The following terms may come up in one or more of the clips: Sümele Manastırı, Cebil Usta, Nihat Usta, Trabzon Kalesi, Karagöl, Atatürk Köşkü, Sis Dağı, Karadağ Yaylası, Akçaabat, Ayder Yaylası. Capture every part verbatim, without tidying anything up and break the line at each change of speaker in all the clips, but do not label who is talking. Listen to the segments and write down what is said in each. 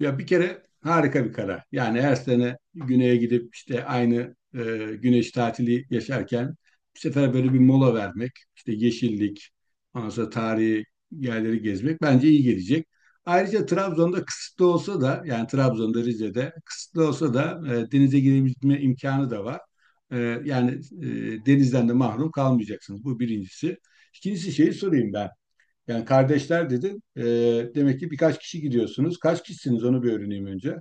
Ya bir kere harika bir karar. Yani her sene güneye gidip işte aynı e, güneş tatili yaşarken bu sefer böyle bir mola vermek, işte yeşillik, ondan sonra tarihi yerleri gezmek bence iyi gelecek. Ayrıca Trabzon'da kısıtlı olsa da yani Trabzon'da Rize'de kısıtlı olsa da e, denize girebilme imkanı da var. E, yani e, denizden de mahrum kalmayacaksınız. Bu birincisi. İkincisi şeyi sorayım ben. Yani kardeşler dedin. E, demek ki birkaç kişi gidiyorsunuz. Kaç kişisiniz onu bir öğreneyim önce.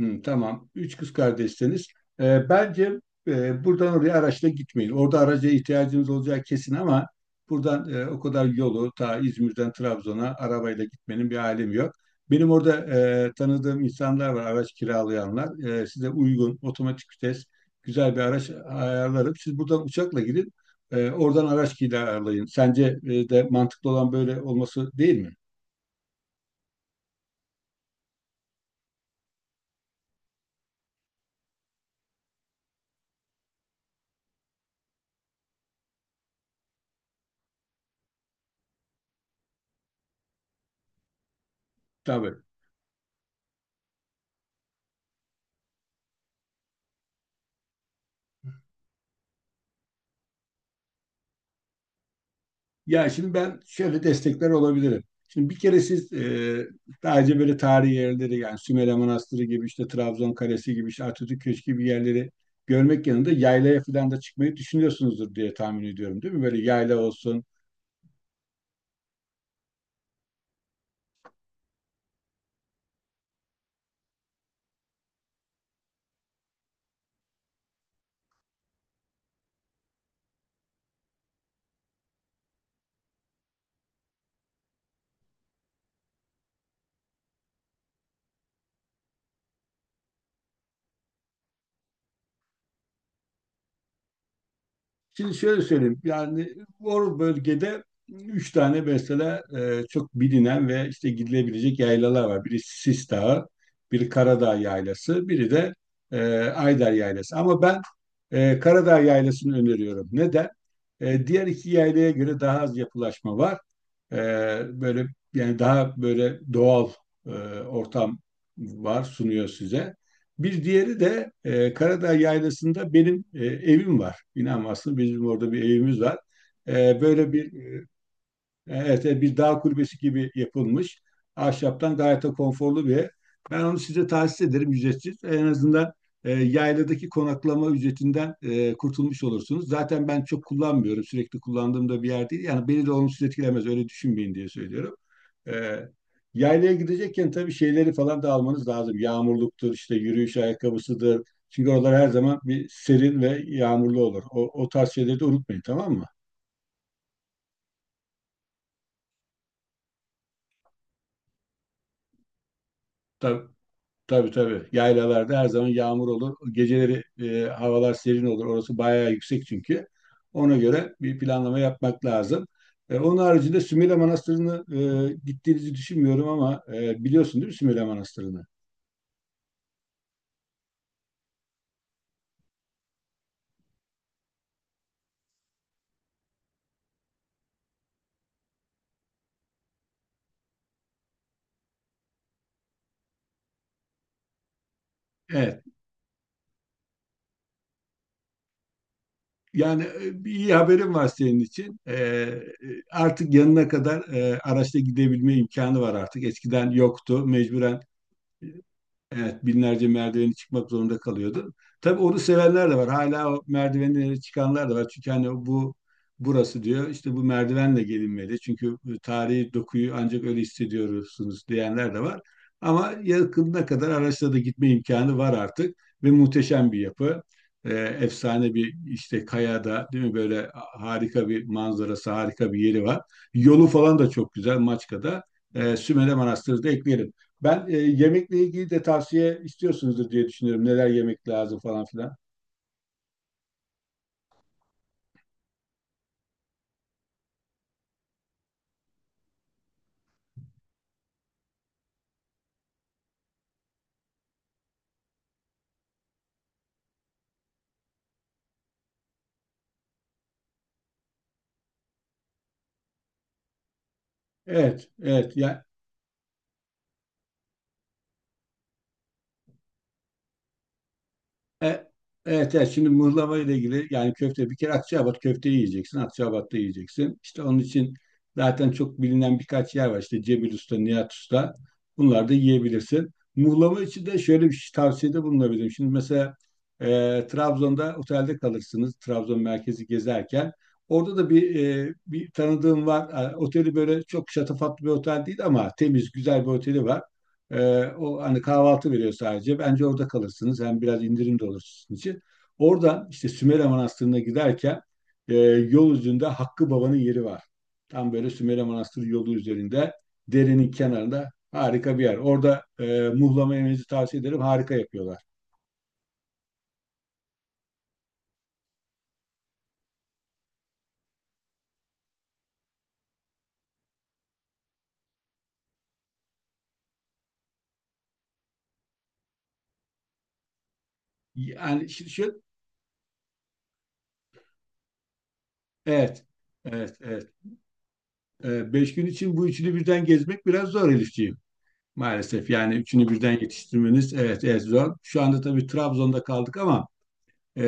Hı, tamam. Üç kız kardeşseniz e, bence e, buradan oraya araçla gitmeyin. Orada araca ihtiyacınız olacağı kesin ama buradan e, o kadar yolu ta İzmir'den Trabzon'a arabayla gitmenin bir alemi yok. Benim orada e, tanıdığım insanlar var, araç kiralayanlar. E, size uygun, otomatik vites, güzel bir araç ayarlarım. Siz buradan uçakla gidin, e, oradan araç kiralayın. Sence e, de mantıklı olan böyle olması değil mi? Tabii. Ya şimdi ben şöyle destekler olabilirim. Şimdi bir kere siz e, daha önce böyle tarihi yerleri yani Sümele Manastırı gibi işte Trabzon Kalesi gibi işte Atatürk Köşkü gibi yerleri görmek yanında yaylaya falan da çıkmayı düşünüyorsunuzdur diye tahmin ediyorum değil mi? Böyle yayla olsun. Şimdi şöyle söyleyeyim. Yani o bölgede üç tane mesela e, çok bilinen ve işte gidilebilecek yaylalar var. Biri Sis Dağı, biri Karadağ Yaylası, biri de e, Ayder Yaylası. Ama ben e, Karadağ Yaylası'nı öneriyorum. Neden? E, diğer iki yaylaya göre daha az yapılaşma var. E, böyle Yani daha böyle doğal e, ortam var sunuyor size. Bir diğeri de e, Karadağ Yaylası'nda benim e, evim var. İnanmazsın bizim orada bir evimiz var. E, böyle bir e, Evet, evet, bir dağ kulübesi gibi yapılmış. Ahşaptan gayet de konforlu bir ev. Ben onu size tahsis ederim ücretsiz. En azından e, yayladaki konaklama ücretinden e, kurtulmuş olursunuz. Zaten ben çok kullanmıyorum. Sürekli kullandığım da bir yer değil. Yani beni de olumsuz etkilemez. Öyle düşünmeyin diye söylüyorum. E, Yaylaya gidecekken tabii şeyleri falan da almanız lazım. Yağmurluktur, işte yürüyüş ayakkabısıdır. Çünkü oralar her zaman bir serin ve yağmurlu olur. O, o tarz şeyleri de unutmayın, tamam mı? Tabii. Tabii tabii. Yaylalarda her zaman yağmur olur. Geceleri e, havalar serin olur. Orası bayağı yüksek çünkü. Ona göre bir planlama yapmak lazım. E, onun haricinde Sümele Manastırı'nı e, gittiğinizi düşünmüyorum ama e, biliyorsun değil mi Sümele Manastırı'nı? Evet. Yani e, bir iyi haberim var senin için. E, e, artık yanına kadar e, araçla gidebilme imkanı var artık. Eskiden yoktu. Mecburen. Evet, binlerce merdiveni çıkmak zorunda kalıyordu. Tabii onu sevenler de var. Hala o merdivenlere çıkanlar da var. Çünkü hani bu burası diyor işte bu merdivenle gelinmeli. Çünkü tarihi dokuyu ancak öyle hissediyorsunuz diyenler de var. Ama yakınına kadar araçla da gitme imkanı var artık ve muhteşem bir yapı. Ee, efsane bir işte kayada değil mi böyle harika bir manzarası, harika bir yeri var. Yolu falan da çok güzel Maçka'da. Ee, Sümele Manastırı da ekleyelim. Ben e, yemekle ilgili de tavsiye istiyorsunuzdur diye düşünüyorum. Neler yemek lazım falan filan. Evet, evet. Ya E, Evet, evet. Şimdi mıhlama ile ilgili yani köfte bir kere Akçaabat köfteyi yiyeceksin. Akçaabat'ta yiyeceksin. İşte onun için zaten çok bilinen birkaç yer var. İşte Cebil Usta, Nihat Usta. Bunlar da yiyebilirsin. Mıhlama için de şöyle bir şey- tavsiyede bulunabilirim. Şimdi mesela e, Trabzon'da otelde kalırsınız. Trabzon merkezi gezerken. Orada da bir e, bir tanıdığım var. E, oteli böyle çok şatafatlı bir otel değil ama temiz, güzel bir oteli var. Ee, o hani kahvaltı veriyor sadece. Bence orada kalırsınız. Hem biraz indirim de olur sizin için. Orada işte Sümele Manastırı'na giderken e, yol üzerinde Hakkı Baba'nın yeri var. Tam böyle Sümele Manastırı yolu üzerinde derenin kenarında harika bir yer. Orada e, muhlama yemenizi tavsiye ederim. Harika yapıyorlar. Yani şu, şu- evet, evet, evet. E, beş gün için bu üçünü birden gezmek biraz zor Elifciğim. Maalesef yani üçünü birden yetiştirmeniz evet, evet zor. Şu anda tabii Trabzon'da kaldık ama e,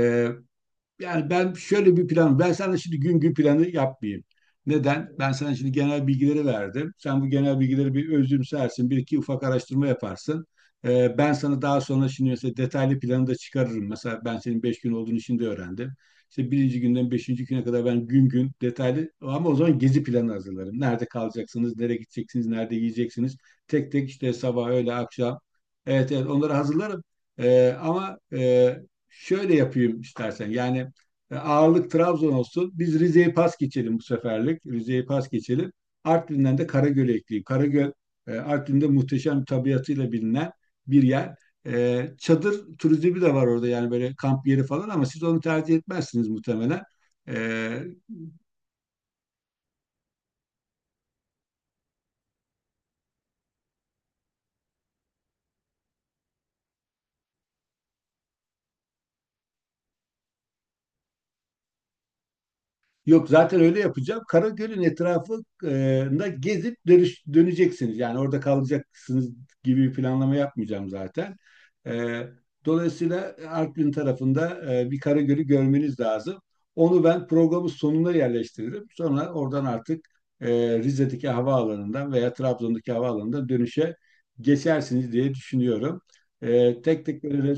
yani ben şöyle bir plan, ben sana şimdi gün gün planı yapmayayım. Neden? Ben sana şimdi genel bilgileri verdim. Sen bu genel bilgileri bir özümsersin, bir iki ufak araştırma yaparsın. Ee, ben sana daha sonra şimdi mesela detaylı planı da çıkarırım. Mesela ben senin beş gün olduğunu şimdi öğrendim. İşte birinci günden beşinci güne kadar ben gün gün detaylı ama o zaman gezi planı hazırlarım. Nerede kalacaksınız, nereye gideceksiniz, nerede yiyeceksiniz. Tek tek işte sabah, öğle, akşam. Evet evet onları hazırlarım. Ee, ama e, Şöyle yapayım istersen. Yani e, Ağırlık Trabzon olsun. Biz Rize'yi pas geçelim bu seferlik. Rize'yi pas geçelim. Artvin'den de Karagöl'e ekleyeyim. Karagöl e, Artvin'de muhteşem bir tabiatıyla bilinen bir yer. E, Çadır turizmi de var orada yani böyle kamp yeri falan ama siz onu tercih etmezsiniz muhtemelen. E, Yok zaten öyle yapacağım. Karagöl'ün etrafında gezip dönüş, döneceksiniz. Yani orada kalacaksınız gibi bir planlama yapmayacağım zaten. E, Dolayısıyla Artvin tarafında e, bir Karagöl'ü görmeniz lazım. Onu ben programın sonuna yerleştiririm. Sonra oradan artık e, Rize'deki havaalanından veya Trabzon'daki havaalanından dönüşe geçersiniz diye düşünüyorum. E, tek tek böyle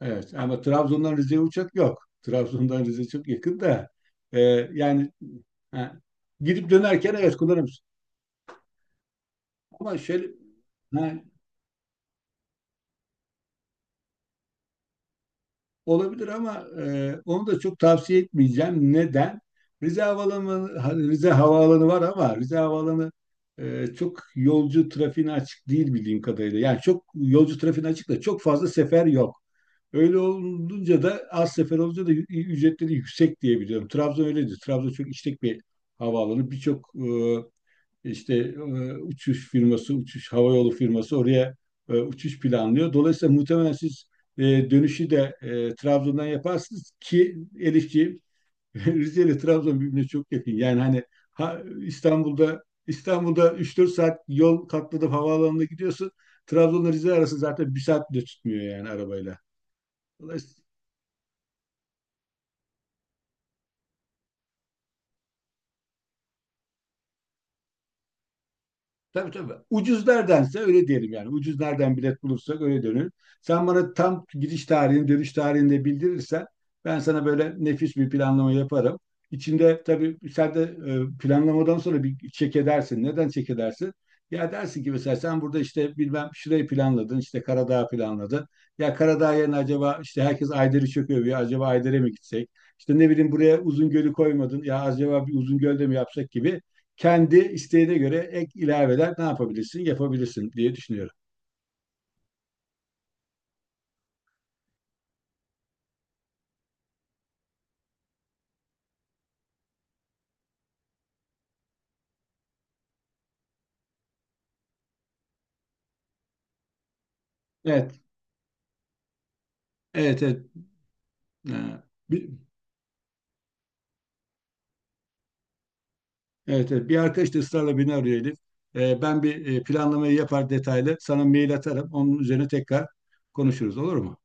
Evet ama Trabzon'dan Rize'ye uçak yok. Trabzon'dan Rize çok yakın da e, yani ha, gidip dönerken evet kullanırız. Ama şöyle ha, Olabilir ama e, onu da çok tavsiye etmeyeceğim. Neden? Rize Havaalanı ha, Rize Havaalanı var ama Rize Havaalanı e, çok yolcu trafiğine açık değil bildiğim kadarıyla. Yani çok yolcu trafiğine açık da çok fazla sefer yok. Öyle olunca da az sefer olunca da ücretleri yüksek diye biliyorum. Trabzon öyledir. Trabzon çok işlek bir havaalanı. Birçok e, işte e, uçuş firması, uçuş havayolu firması oraya e, uçuş planlıyor. Dolayısıyla muhtemelen siz e, dönüşü de e, Trabzon'dan yaparsınız ki Elifçi. Rize ile Trabzon birbirine çok yakın. Yani hani ha, İstanbul'da İstanbul'da üç dört saat yol katladım havaalanına gidiyorsun. Trabzon'la Rize arası zaten bir saat bile tutmuyor yani arabayla. Dolayısıyla. Tabii tabii. Ucuz neredense öyle diyelim yani. Ucuz nereden bilet bulursak öyle dönür. Sen bana tam giriş tarihini, dönüş tarihini de bildirirsen ben sana böyle nefis bir planlama yaparım. İçinde tabii sen de e, planlamadan sonra bir çek edersin. Neden çek edersin? Ya dersin ki mesela sen burada işte bilmem şurayı planladın, işte Karadağ planladın. Ya Karadağ yerine acaba işte herkes Ayder'i çok övüyor. Acaba Ayder'e mi gitsek? İşte ne bileyim buraya Uzungöl'ü koymadın. Ya acaba bir Uzungöl'de mi yapsak gibi kendi isteğine göre ek ilaveler ne yapabilirsin, yapabilirsin diye düşünüyorum. Evet, evet, evet. Ee, bir, evet, evet. Bir arkadaş da ısrarla beni arıyor Elif. Ee, ben bir e, planlamayı yapar detaylı. Sana mail atarım. Onun üzerine tekrar konuşuruz, olur mu?